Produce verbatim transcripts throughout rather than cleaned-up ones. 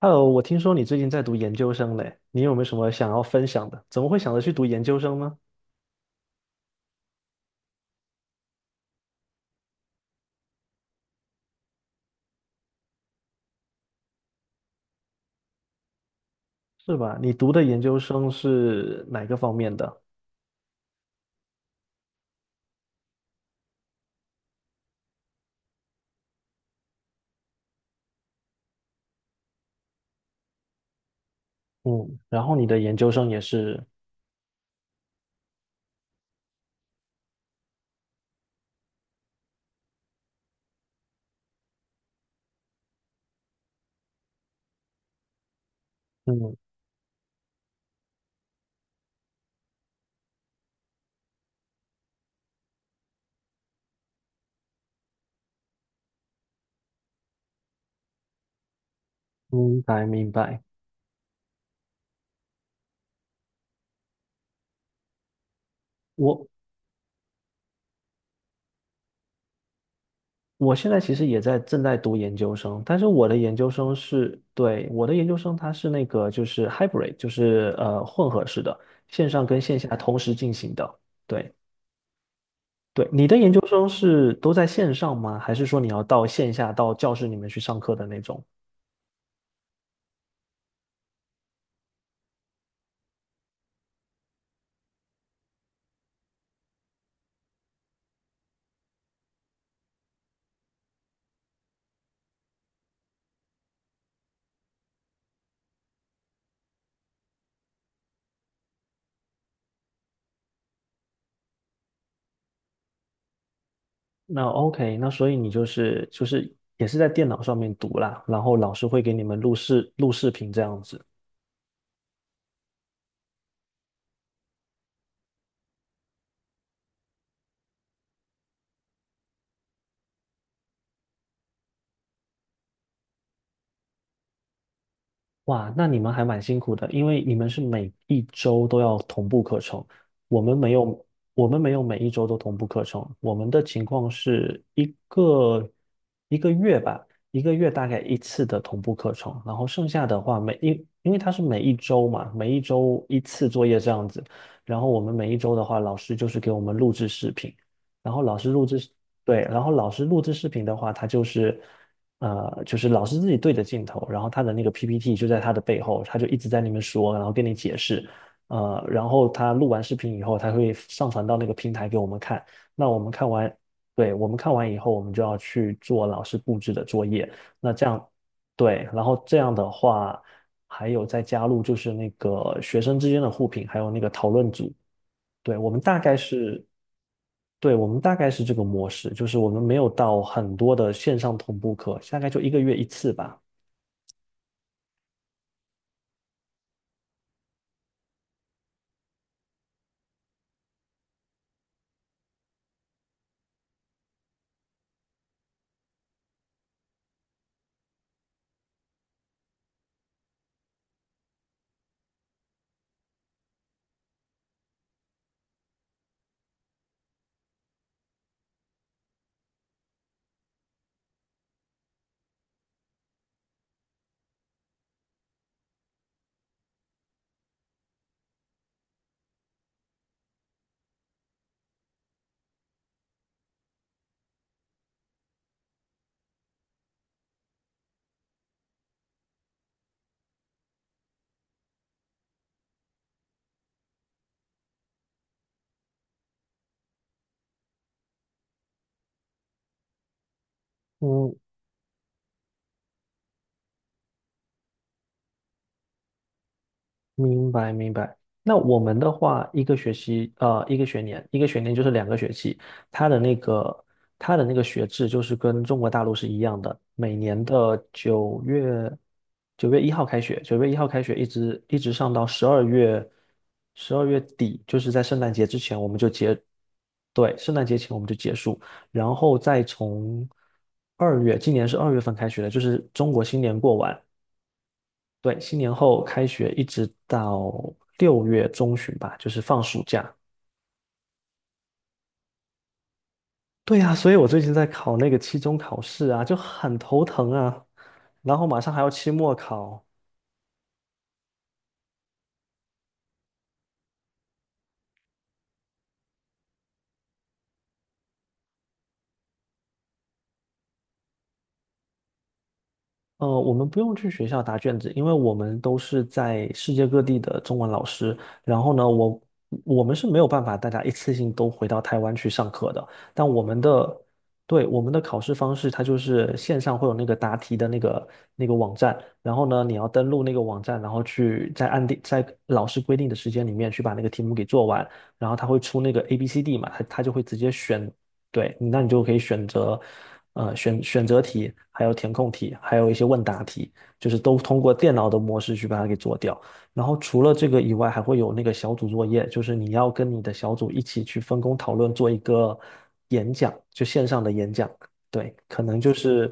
Hello，我听说你最近在读研究生嘞，你有没有什么想要分享的？怎么会想着去读研究生呢？是吧？你读的研究生是哪个方面的？嗯，然后你的研究生也是，嗯，明白明白。我我现在其实也在正在读研究生，但是我的研究生是，对，我的研究生它是那个就是 hybrid，就是呃混合式的，线上跟线下同时进行的。对，对，你的研究生是都在线上吗？还是说你要到线下到教室里面去上课的那种？那 OK，那所以你就是就是也是在电脑上面读啦，然后老师会给你们录视录视频这样子。哇，那你们还蛮辛苦的，因为你们是每一周都要同步课程，我们没有，我们没有每一周都同步课程，我们的情况是一个一个月吧，一个月大概一次的同步课程，然后剩下的话每一，因为它是每一周嘛，每一周一次作业这样子，然后我们每一周的话，老师就是给我们录制视频，然后老师录制，对，然后老师录制视频的话，他就是。呃，就是老师自己对着镜头，然后他的那个 P P T 就在他的背后，他就一直在那边说，然后跟你解释，呃，然后他录完视频以后，他会上传到那个平台给我们看。那我们看完，对，我们看完以后，我们就要去做老师布置的作业。那这样，对，然后这样的话，还有再加入就是那个学生之间的互评，还有那个讨论组。对，我们大概是，对，我们大概是这个模式，就是我们没有到很多的线上同步课，大概就一个月一次吧。嗯，明白明白。那我们的话，一个学期，呃，一个学年，一个学年就是两个学期，它的那个它的那个学制就是跟中国大陆是一样的，每年的九月九月一号开学，九月一号开学一直一直上到十二月十二月底，就是在圣诞节之前我们就结，对，圣诞节前我们就结束，然后再从二月，今年是二月份开学的，就是中国新年过完。对，新年后开学一直到六月中旬吧，就是放暑假。对呀，所以我最近在考那个期中考试啊，就很头疼啊。然后马上还要期末考，呃，我们不用去学校答卷子，因为我们都是在世界各地的中文老师。然后呢，我我们是没有办法大家一次性都回到台湾去上课的。但我们的，对，我们的考试方式，它就是线上会有那个答题的那个那个网站，然后呢，你要登录那个网站，然后去在按定在老师规定的时间里面去把那个题目给做完，然后他会出那个 A、B、C、D 嘛，他他就会直接选对，那你就可以选择，呃，选选择题，还有填空题，还有一些问答题，就是都通过电脑的模式去把它给做掉。然后除了这个以外，还会有那个小组作业，就是你要跟你的小组一起去分工讨论，做一个演讲，就线上的演讲。对，可能就是，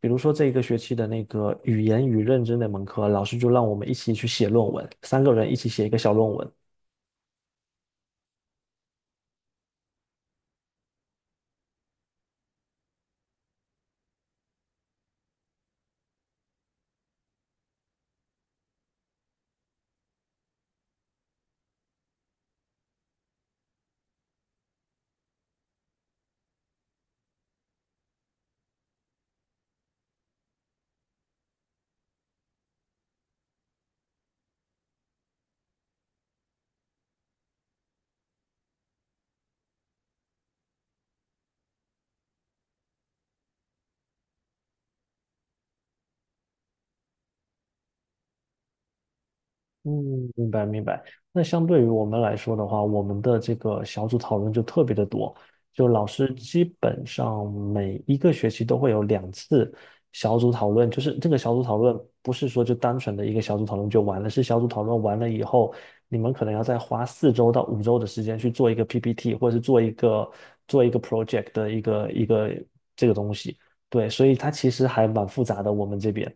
比如说这一个学期的那个语言与认知那门课，老师就让我们一起去写论文，三个人一起写一个小论文。嗯，明白明白。那相对于我们来说的话，我们的这个小组讨论就特别的多，就老师基本上每一个学期都会有两次小组讨论，就是这个小组讨论不是说就单纯的一个小组讨论就完了，是小组讨论完了以后，你们可能要再花四周到五周的时间去做一个 P P T，或者是做一个做一个 project 的一个一个这个东西。对，所以它其实还蛮复杂的，我们这边。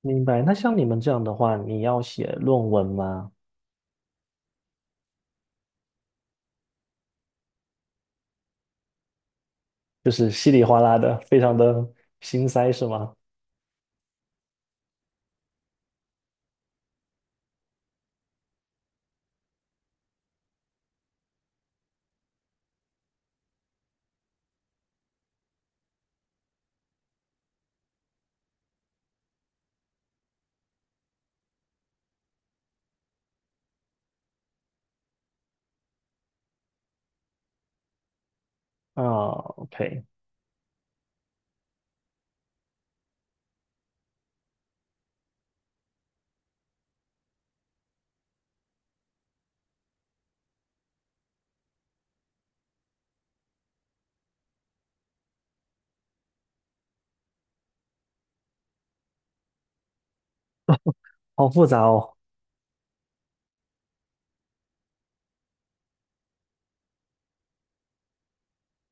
明白。那像你们这样的话，你要写论文吗？就是稀里哗啦的，非常的心塞是吗？啊，OK，好复杂哦。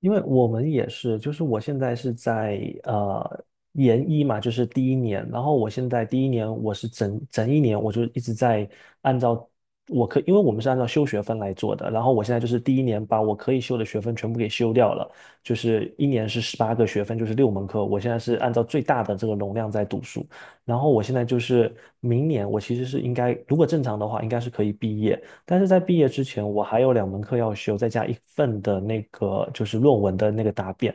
因为我们也是，就是我现在是在呃研一嘛，就是第一年，然后我现在第一年我是整整一年，我就一直在按照我可，因为我们是按照修学分来做的，然后我现在就是第一年把我可以修的学分全部给修掉了，就是一年是十八个学分，就是六门课，我现在是按照最大的这个容量在读书，然后我现在就是明年我其实是应该，如果正常的话，应该是可以毕业。但是在毕业之前，我还有两门课要修，再加一份的那个就是论文的那个答辩。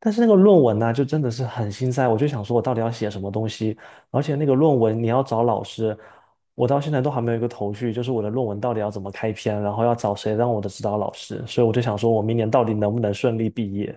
但是那个论文呢，就真的是很心塞，我就想说我到底要写什么东西，而且那个论文你要找老师，我到现在都还没有一个头绪，就是我的论文到底要怎么开篇，然后要找谁当我的指导老师，所以我就想说我明年到底能不能顺利毕业。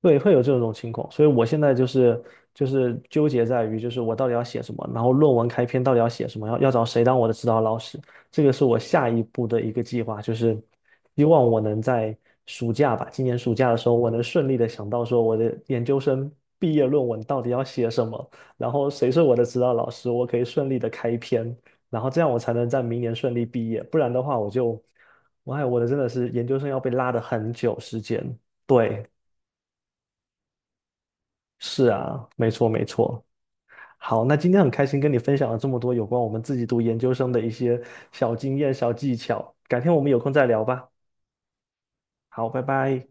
对，会有这种情况，所以我现在就是就是纠结在于，就是我到底要写什么，然后论文开篇到底要写什么，要要找谁当我的指导老师，这个是我下一步的一个计划，就是希望我能在暑假吧，今年暑假的时候，我能顺利的想到说我的研究生毕业论文到底要写什么，然后谁是我的指导老师，我可以顺利的开篇，然后这样我才能在明年顺利毕业，不然的话我就，我哎，我的真的是研究生要被拉的很久时间。对，是啊，没错没错。好，那今天很开心跟你分享了这么多有关我们自己读研究生的一些小经验、小技巧，改天我们有空再聊吧。好，拜拜。